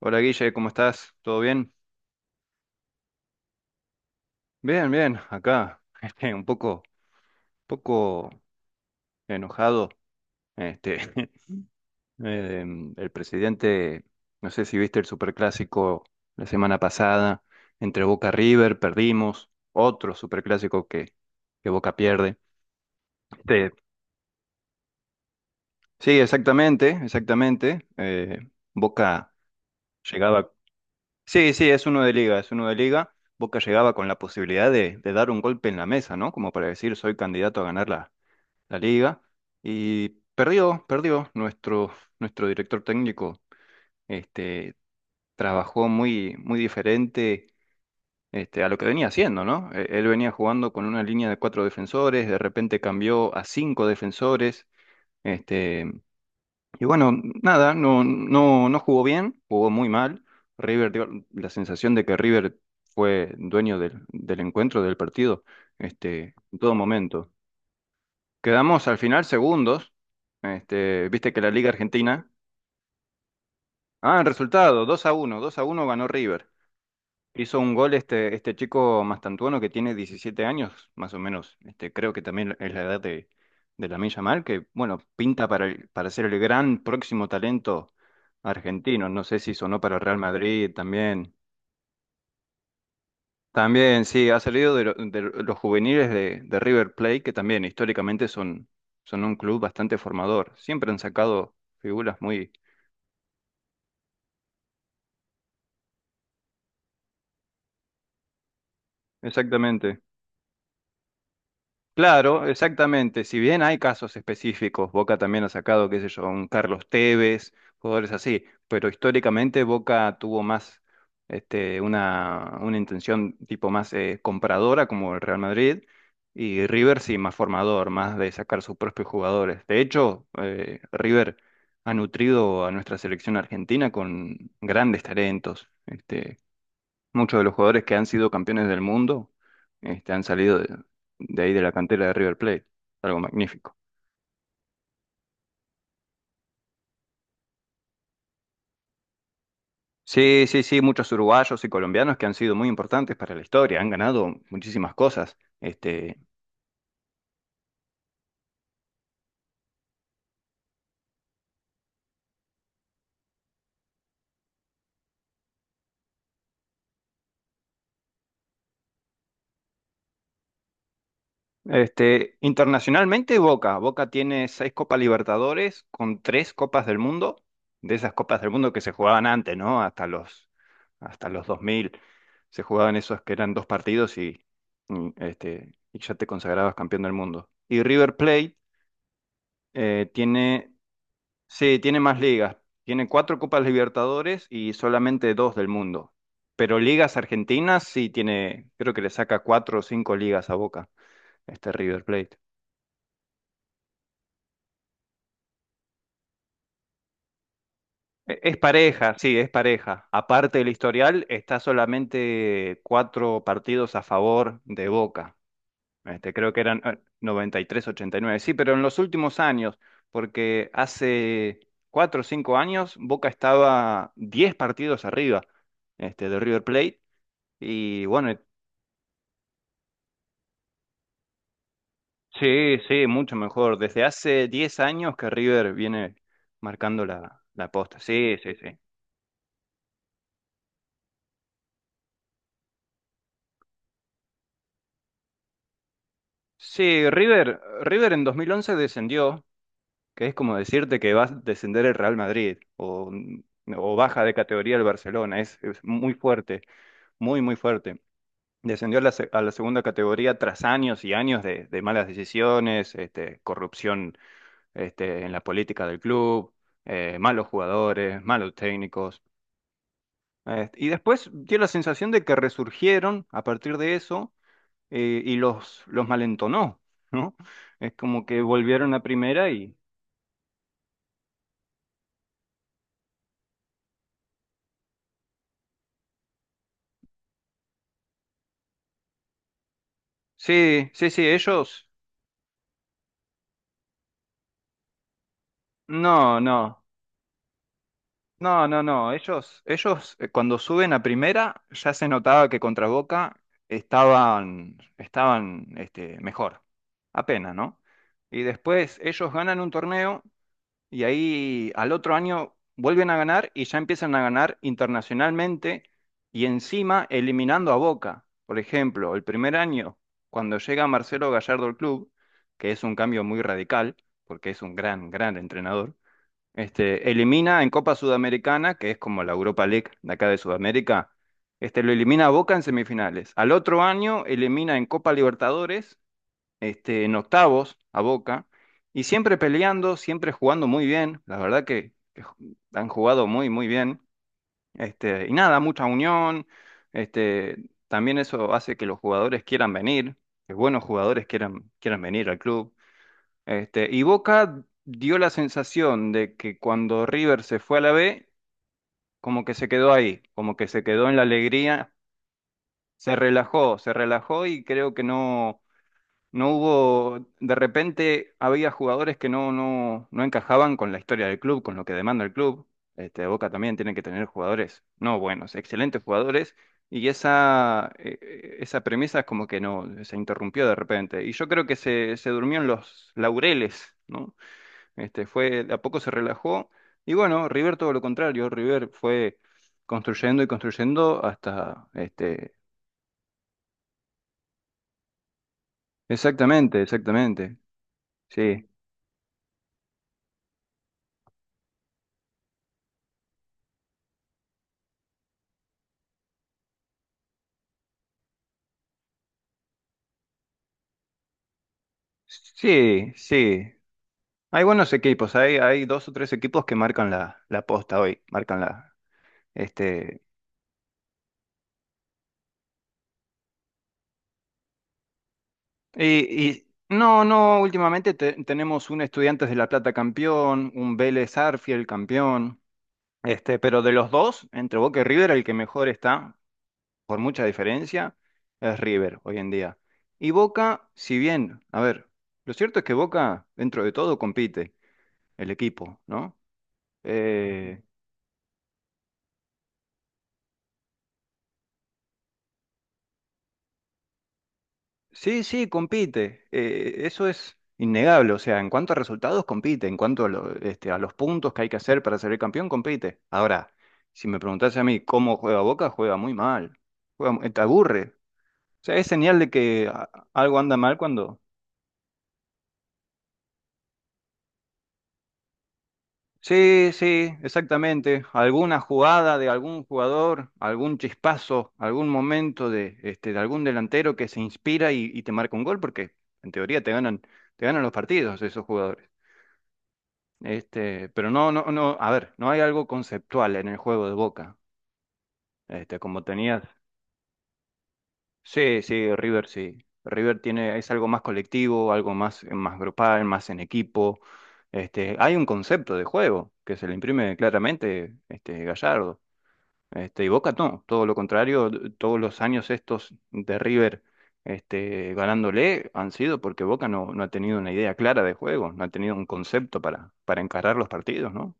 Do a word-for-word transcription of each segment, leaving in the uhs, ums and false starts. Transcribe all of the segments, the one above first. Hola Guille, ¿cómo estás? ¿Todo bien? Bien, bien, acá. este, un poco, poco enojado. Este, em, el presidente, no sé si viste el superclásico la semana pasada, entre Boca River, perdimos, otro superclásico que, que Boca pierde. Este, sí, exactamente, exactamente. eh, Boca llegaba. Sí, sí, es uno de liga, es uno de liga. Boca llegaba con la posibilidad de, de dar un golpe en la mesa, ¿no? Como para decir, soy candidato a ganar la la liga y perdió, perdió nuestro, nuestro director técnico. Este, trabajó muy, muy diferente este, a lo que venía haciendo, ¿no? Eh, Él venía jugando con una línea de cuatro defensores, de repente cambió a cinco defensores. Este, y bueno, nada, no, no, no jugó bien, jugó muy mal. River dio la sensación de que River fue dueño del, del encuentro, del partido, este, en todo momento. Quedamos al final segundos. Este, viste que la Liga Argentina. Ah, el resultado, dos a uno dos a uno ganó River. Hizo un gol este, este chico Mastantuono que tiene diecisiete años, más o menos. Este, creo que también es la edad de, de Lamine Yamal, que bueno, pinta para, el- para ser el gran próximo talento argentino. No sé si sonó para Real Madrid también. También, sí, ha salido de, lo- de los juveniles de, de River Plate, que también históricamente son, son un club bastante formador. Siempre han sacado figuras muy. Exactamente. Claro, exactamente. Si bien hay casos específicos, Boca también ha sacado, qué sé yo, un Carlos Tevez, jugadores así, pero históricamente Boca tuvo más este, una, una intención tipo más eh, compradora como el Real Madrid y River sí, más formador, más de sacar sus propios jugadores. De hecho, eh, River ha nutrido a nuestra selección argentina con grandes talentos. Este, Muchos de los jugadores que han sido campeones del mundo, este, han salido de, de ahí de la cantera de River Plate. Algo magnífico. Sí, sí, sí, muchos uruguayos y colombianos que han sido muy importantes para la historia, han ganado muchísimas cosas. Este, Este, internacionalmente, Boca. Boca tiene seis Copas Libertadores con tres Copas del Mundo, de esas Copas del Mundo que se jugaban antes, ¿no? Hasta los, hasta los dos mil se jugaban esos que eran dos partidos y, y, este, y ya te consagrabas campeón del mundo. Y River Plate eh, tiene, sí, tiene más ligas. Tiene cuatro Copas Libertadores y solamente dos del mundo. Pero ligas argentinas sí tiene, creo que le saca cuatro o cinco ligas a Boca, este River Plate. E- Es pareja, sí, es pareja. Aparte del historial, está solamente cuatro partidos a favor de Boca. Este, creo que eran eh, noventa y tres ochenta y nueve, Sí, pero en los últimos años, porque hace cuatro o cinco años Boca estaba diez partidos arriba, este, de River Plate. Y bueno, sí, sí, mucho mejor. Desde hace diez años que River viene marcando la, la posta. Sí, sí, sí. Sí, River, River en dos mil once descendió que es como decirte que va a descender el Real Madrid o, mm, o baja de categoría el Barcelona. Es, es muy fuerte, muy, muy fuerte. Descendió a la, se- a la segunda categoría tras años y años de, de malas decisiones, este, corrupción este, en la política del club, eh, malos jugadores, malos técnicos. Eh, y después dio la sensación de que resurgieron a partir de eso eh, y los, los malentonó, ¿no? Es como que volvieron a primera y. Sí, sí, sí, ellos No, no, no, no, no. Ellos, ellos eh, cuando suben a primera ya se notaba que contra Boca estaban, estaban este, mejor, apenas, ¿no? Y después ellos ganan un torneo y ahí al otro año vuelven a ganar y ya empiezan a ganar internacionalmente y encima eliminando a Boca. Por ejemplo, el primer año, cuando llega Marcelo Gallardo al club, que es un cambio muy radical, porque es un gran, gran entrenador. Este, elimina en Copa Sudamericana, que es como la Europa League de acá de Sudamérica, este, lo elimina a Boca en semifinales. Al otro año elimina en Copa Libertadores, este, en octavos a Boca, y siempre peleando, siempre jugando muy bien. La verdad que, que ju- han jugado muy, muy bien. Este, y nada, mucha unión. Este, también eso hace que los jugadores quieran venir, que buenos jugadores quieran, quieran venir al club. Este, y Boca dio la sensación de que cuando River se fue a la B, como que se quedó ahí, como que se quedó en la alegría, se relajó, se relajó y creo que no, no hubo, de repente había jugadores que no, no, no encajaban con la historia del club, con lo que demanda el club. Este, Boca también tiene que tener jugadores, no buenos, excelentes jugadores, y esa, eh, eh, esa premisa es como que no, se interrumpió de repente. Y yo creo que se, se durmió en los laureles, ¿no? Este, fue, a poco se relajó. Y bueno, River todo lo contrario. River fue construyendo y construyendo hasta, este, exactamente, exactamente. Sí, sí, sí. Hay buenos equipos. Hay, hay dos o tres equipos que marcan la, la posta hoy. Marcan la, este. Y, y no, no, últimamente te- tenemos un Estudiantes de La Plata campeón, un Vélez Arfiel campeón. Este, pero de los dos, entre Boca y River, el que mejor está, por mucha diferencia, es River hoy en día. Y Boca, si bien, a ver, lo cierto es que Boca, dentro de todo, compite el equipo, ¿no? Eh, sí, sí, compite. eh, eso es innegable. O sea, en cuanto a resultados, compite. En cuanto a, lo- este, a los puntos que hay que hacer para ser el campeón, compite. Ahora, si me preguntase a mí cómo juega Boca, juega muy mal. Juega, mu- te aburre. O sea, es señal de que a- algo anda mal. Cuando Sí, sí, exactamente. Alguna jugada de algún jugador, algún chispazo, algún momento de, este, de algún delantero que se inspira y, y te marca un gol, porque en teoría te ganan, te ganan, los partidos esos jugadores. Este, pero no, no, no, a ver, no hay algo conceptual en el juego de Boca. Este, como tenías. Sí, sí, River sí. River tiene, es algo más colectivo, algo más, más grupal, más en equipo. Este, hay un concepto de juego que se le imprime claramente, este, Gallardo. Este, y Boca no, todo lo contrario, todos los años estos de River este, ganándole han sido porque Boca no, no ha tenido una idea clara de juego, no ha tenido un concepto para, para encarar los partidos, ¿no?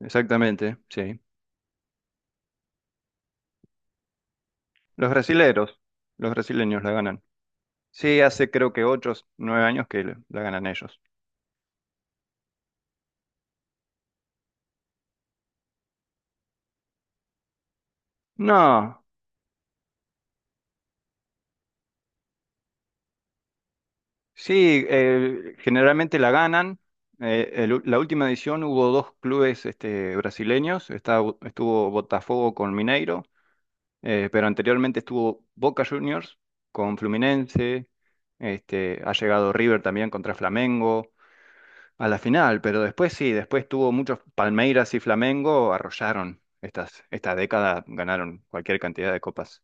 Exactamente, sí. Los brasileros, los brasileños la ganan. Sí, hace creo que ocho, nueve años que la ganan ellos. No, sí, eh, generalmente la ganan. Eh, el la última edición hubo dos clubes este, brasileños, está- estuvo Botafogo con Mineiro. Eh, pero anteriormente estuvo Boca Juniors con Fluminense, este, ha llegado River también contra Flamengo a la final, pero después sí, después tuvo muchos Palmeiras y Flamengo, arrollaron estas, esta década, ganaron cualquier cantidad de copas.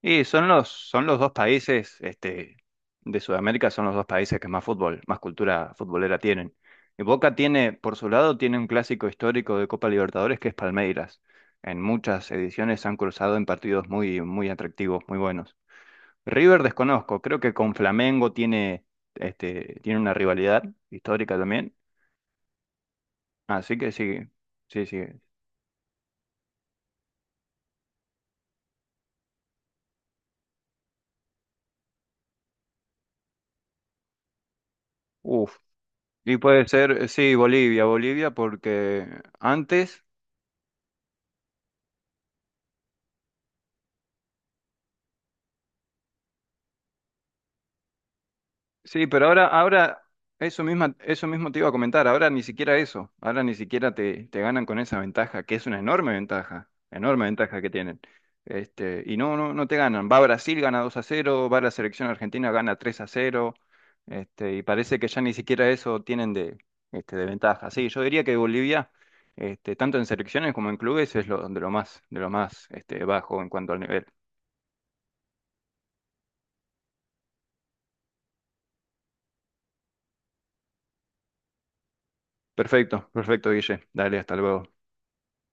Y son los, son los dos países, este, de Sudamérica son los dos países que más fútbol, más cultura futbolera tienen. Y Boca tiene, por su lado, tiene un clásico histórico de Copa Libertadores que es Palmeiras. En muchas ediciones se han cruzado en partidos muy, muy atractivos, muy buenos. River desconozco, creo que con Flamengo tiene, este, tiene una rivalidad histórica también. Así que sí, sí, sí. Uf. Y puede ser, sí, Bolivia, Bolivia, porque antes Sí, pero ahora, ahora, eso misma, eso mismo te iba a comentar, ahora ni siquiera eso, ahora ni siquiera te, te ganan con esa ventaja, que es una enorme ventaja, enorme ventaja que tienen. Este, y no, no, no te ganan. Va Brasil, gana dos a cero. va la selección argentina, gana tres a cero. este, y parece que ya ni siquiera eso tienen de, este, de ventaja. Sí, yo diría que Bolivia, este, tanto en selecciones como en clubes, es lo, de lo más, de lo más, este, bajo en cuanto al nivel. Perfecto, perfecto, Guille. Dale, hasta luego.